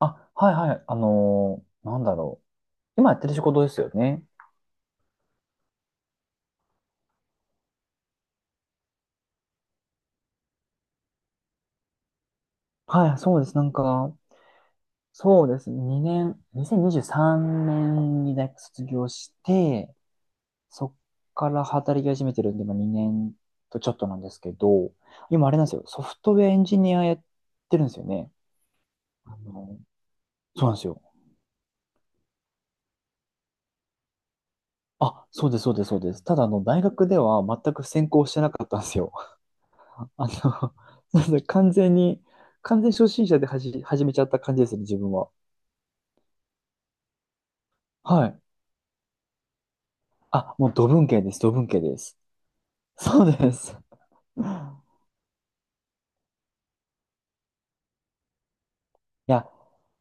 あ、はいはい。なんだろう。今やってる仕事ですよね。はい、そうです。なんか、そうです。2年、2023年にじゅうさんねんに大学卒業して、そっから働き始めてるんで、まあ、2年とちょっとなんですけど、今あれなんですよ。ソフトウェアエンジニアやってるんですよね。あの、そうなんですよ。あ、そうです、そうです、そうです。ただ、あの、大学では全く専攻してなかったんですよ。あの、なので完全初心者で始めちゃった感じですね、自分は。はい。あ、もう土文系です、土文系です。そうです。いや、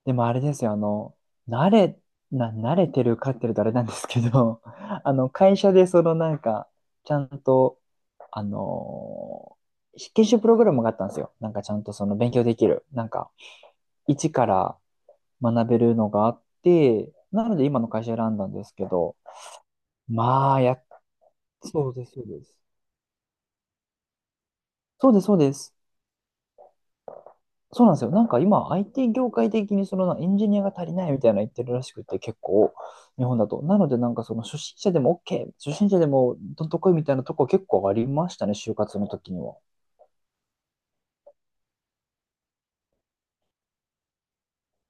でもあれですよ、あの、慣れ、慣れてるかってると、あれなんですけど、あの、会社でそのなんか、ちゃんと、あのー研修プログラムがあったんですよ。なんかちゃんとその勉強できる。なんか、一から学べるのがあって、なので今の会社選んだんですけど、まあ、や、そうです、そうです。そうです、そうです。そうなんですよ。なんか今、IT 業界的にそのなエンジニアが足りないみたいな言ってるらしくて、結構、日本だと。なので、なんかその初心者でも OK、初心者でもどんとこいみたいなとこ結構ありましたね、就活の時には。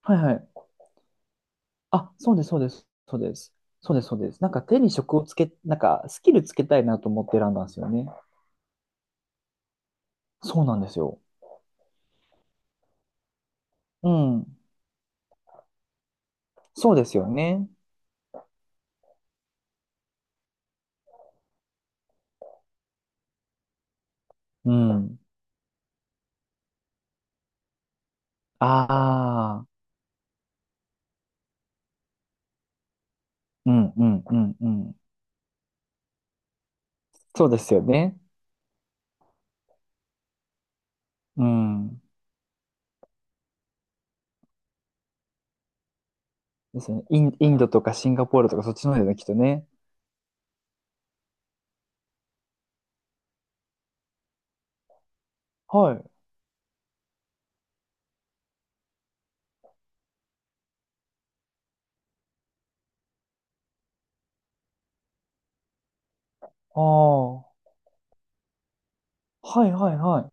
はいはい。あ、そうです、そうです、そうです。そうです、そうです。なんか手に職をつけ、なんかスキルつけたいなと思って選んだんですよね。そうなんですよ。うん。そうですよね。うん。ああ。うん、うん、うん、うん。そうですよね。うん。ですよね。インドとかシンガポールとかそっちの方ですよね、きっとね。はい。ああ。はいはいはい。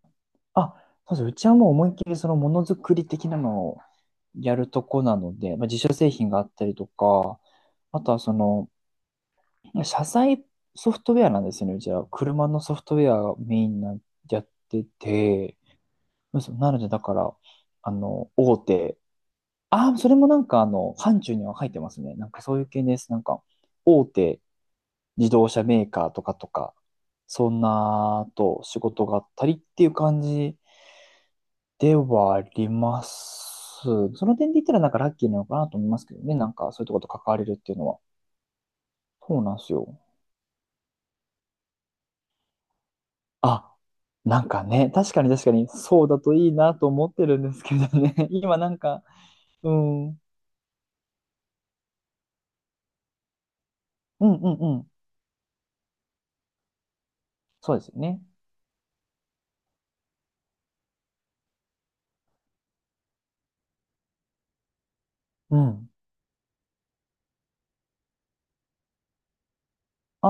あ、そうです。うちはもう思いっきりそのものづくり的なのをやるとこなので、まあ、自社製品があったりとか、あとはその、車載ソフトウェアなんですよね。うちは車のソフトウェアがメインなやってて、そうなのでだから、あの、大手、ああ、それもなんかあの、範疇には入ってますね。なんかそういう系です。なんか、大手自動車メーカーとかとか、そんなと仕事があったりっていう感じではあります。その点で言ったらなんかラッキーなのかなと思いますけどね。なんかそういうとこと関われるっていうのは。そうなんですよ。あ、なんかね、確かに確かにそうだといいなと思ってるんですけどね。今なんか、うん、うんうんうん。そうですよね。うん。あ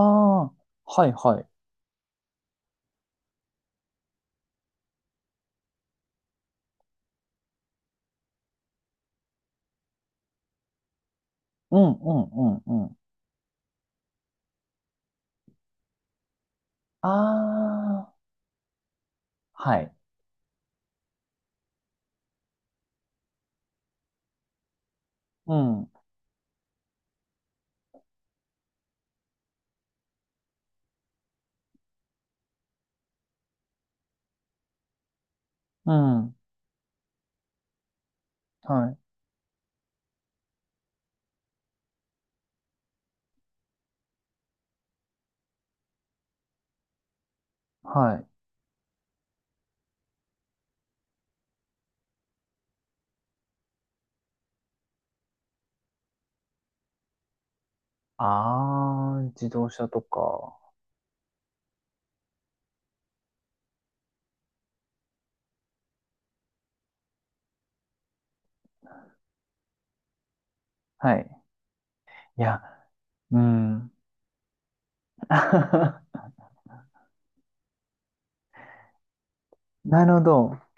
あ、はいはい。うんうんうんうん。ああ、はい。うん、うん、はい。はい。ああ、自動車とか。はい。いや、うん。なるほど。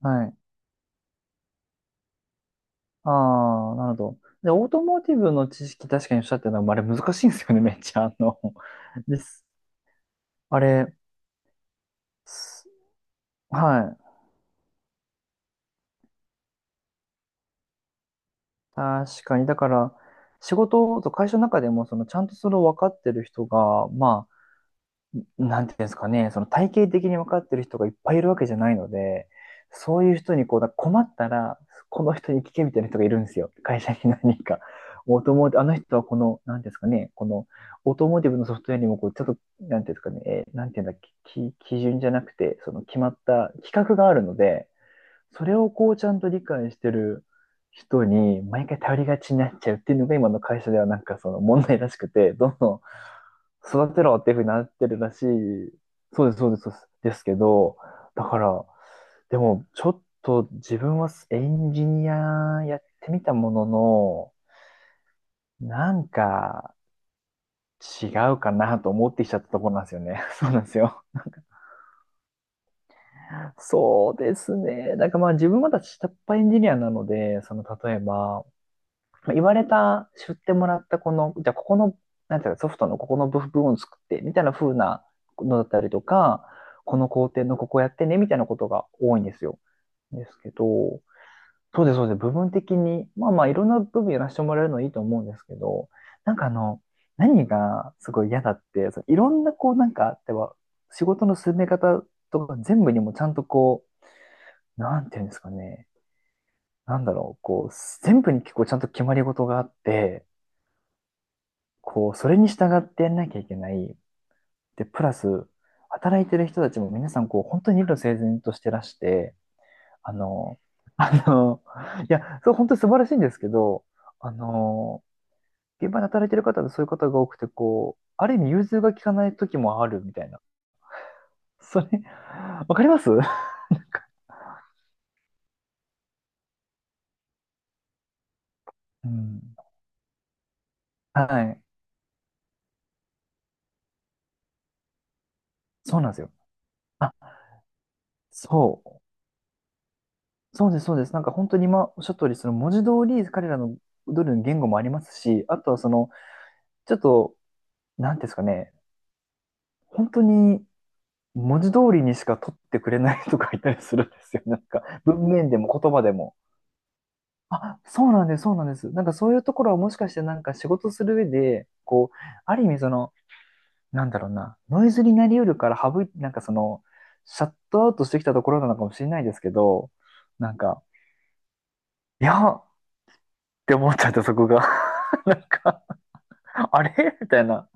はい。ああ、なるほど。で、オートモーティブの知識、確かにおっしゃってたのも、あれ難しいんですよね、めっちゃ。あの、です。あれ、すはい。確かに。だから、仕事と会社の中でも、その、ちゃんとそれを分かってる人が、まあなんていうんですかね、その体系的に分かってる人がいっぱいいるわけじゃないので、そういう人にこう、だから困ったら、この人に聞けみたいな人がいるんですよ。会社に何か。オートモーティブ、あの人はこの、なんていうんですかね、このオートモーティブのソフトウェアにもこう、ちょっと、なんていうんですかね、なんていうんだっけ、基準じゃなくて、その決まった規格があるので、それをこう、ちゃんと理解してる人に、毎回頼りがちになっちゃうっていうのが今の会社ではなんかその問題らしくて、どんどん育てろっていう風になってるらしい。そうです、そうです、そうですですけど、だから、でも、ちょっと自分はエンジニアやってみたものの、なんか違うかなと思ってきちゃったところなんですよね。そうなんですよ。そうですね。だからまあ自分まだ下っ端エンジニアなので、その例えば、言われた、知ってもらったこの、じゃあここの、なんていうか、ソフトのここの部分を作って、みたいな風なのだったりとか、この工程のここやってね、みたいなことが多いんですよ。ですけど、そうです、そうです。部分的に、まあまあ、いろんな部分やらせてもらえるのいいと思うんですけど、なんかあの、何がすごい嫌だって、そのいろんなこう、なんかあっては、仕事の進め方とか全部にもちゃんとこう、なんていうんですかね、なんだろう、こう、全部に結構ちゃんと決まり事があって、こう、それに従ってやんなきゃいけない。で、プラス、働いてる人たちも皆さん、こう、本当に理路整然としてらして、あの、あの、いや、そう、本当に素晴らしいんですけど、あの、現場で働いてる方でそういう方が多くて、こう、ある意味融通が利かない時もあるみたいな。それ、わかりますうん。はい。そうなんですよ。あ、そう。そうです、そうです。なんか本当に今おっしゃった通り、その文字通り彼らのドルの言語もありますし、あとはその、ちょっとなんていうんですかね、本当に文字通りにしか取ってくれない人がいたりするんですよ。なんか文面でも言葉でも。あ、そうなんです、そうなんです。なんかそういうところはもしかしてなんか仕事する上で、こう、ある意味その、なんだろうな、ノイズになりうるからなんかその、シャットアウトしてきたところなのかもしれないですけど、なんか、いやって思っちゃってそこが。なんか、あれみたいな。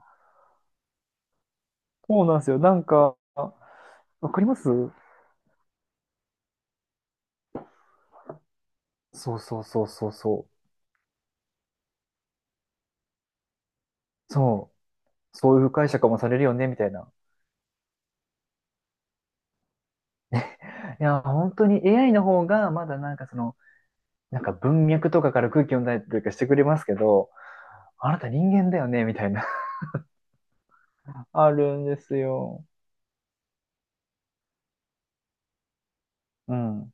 そうなんですよ。なんか、わかりますそうそうそうそうそう。そう。そういう解釈もされるよね、みたいな。いや、本当に AI の方が、まだなんかその、なんか文脈とかから空気読んだりとかしてくれますけど、あなた人間だよね、みたいな。あるんですよ。うん。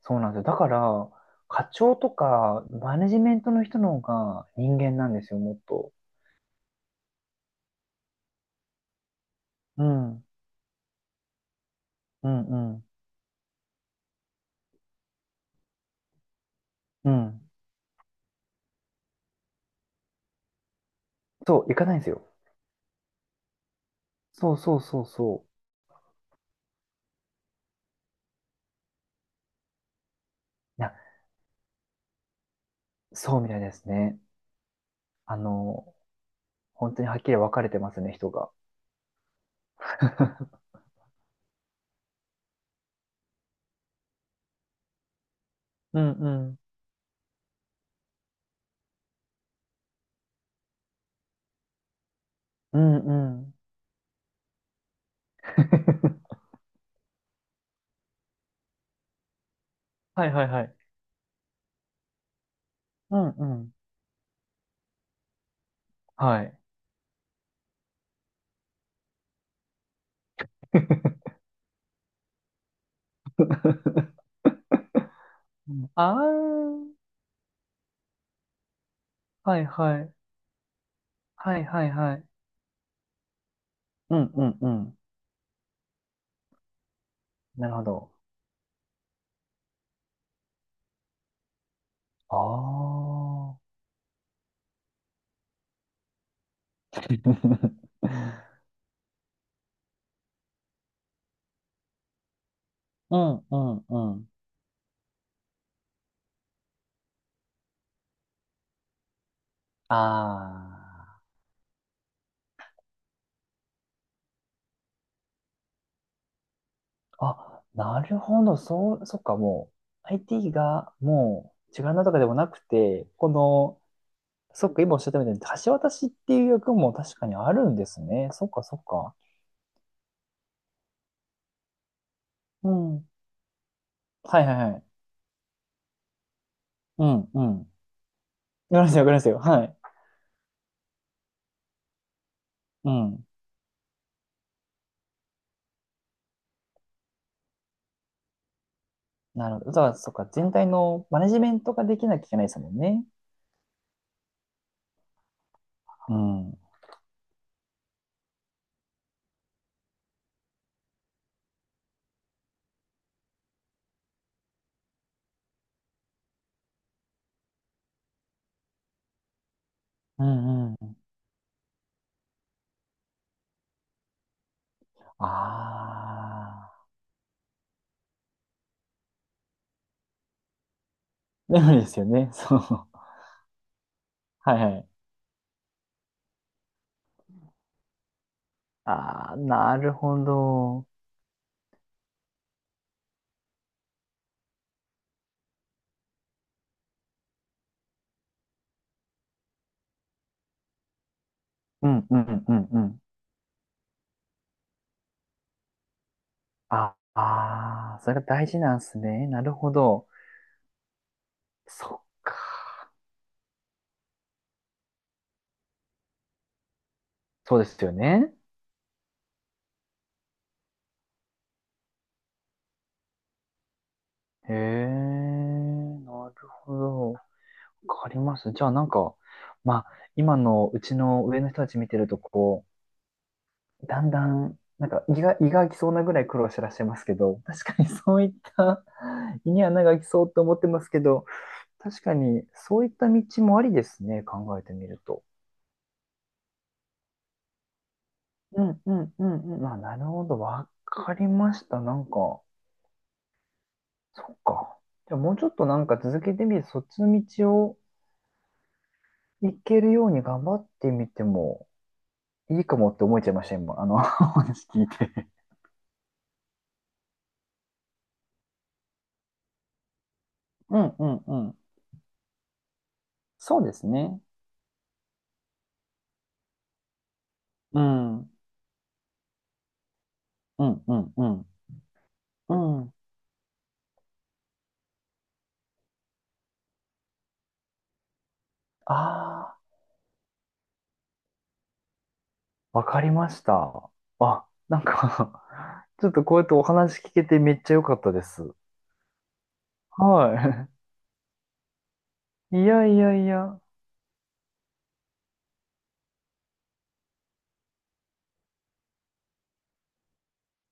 そうなんですよ。だから、課長とか、マネジメントの人の方が人間なんですよ、もっと。うん。うん、うん。うん。そう、行かないんですよ。そうそうそうそう。いや、そうみたいですね。あの、本当にはっきり分かれてますね、人が。うんうん。うんうん。はいはいはい。うんうん。はい。うんあー、はいはい。はいはいはい。うんうんうん。なるほど。ああ。うんうんうん。ああ。あ、なるほど。そう、そっか、もう、IT がもう、違うなとかでもなくて、この、そっか、今おっしゃったみたいに、橋渡しっていう役も確かにあるんですね。そっか、そっか。うん。はいはいはい。うん、うん。わかりますよ、わかりますよ。はい。うん。なるほど。じゃあそっか、全体のマネジメントができなきゃいけないですもんね。うん。うんうん。ああ。でもですよね。そう。はいはい。ああ、なるほど。うんうんうんうん。ああー、それが大事なんですね。なるほど。そっか。そうですよね。へえ、なるほど。わかります。じゃあなんか、まあ、今のうちの上の人たち見てると、こう、だんだん、なんか胃が、胃が空きそうなぐらい苦労してらっしゃいますけど、確かにそういった胃に穴が空きそうと思ってますけど、確かにそういった道もありですね、考えてみると。うんうんうんうん。まあ、なるほど。わかりました。なんか、そっか。じゃあもうちょっとなんか続けてみる、そっちの道を行けるように頑張ってみてもいいかもって思えちゃいました、今。あの、お話聞いて。うんうんうん。そうですね。うん。うんうんうん。うん。ああ、わかりました。あ、なんか ちょっとこうやってお話聞けてめっちゃ良かったです。はい。いやいやいや。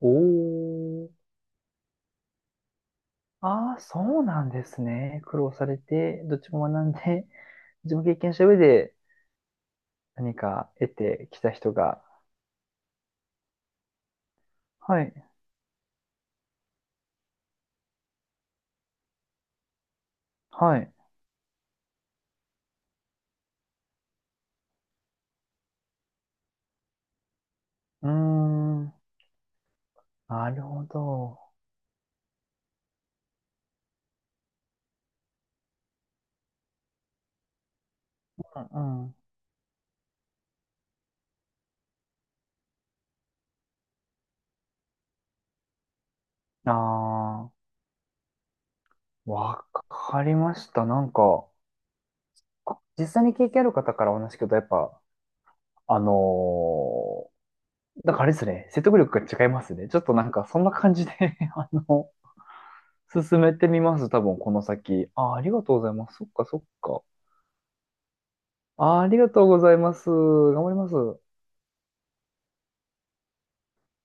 おー。ああ、そうなんですね。苦労されて、どっちも学んで、どっちも経験した上で何か得てきた人が。はい。はい。うーん。なるほど。うんうん。ああ、わかりました。なんか、実際に経験ある方からお話聞くと、やっぱ、あの、なんかあれですね、説得力が違いますね。ちょっとなんかそんな感じで あの、進めてみます。多分この先。あ、ありがとうございます。そっかそっか。あ、ありがとうございます。頑張ります。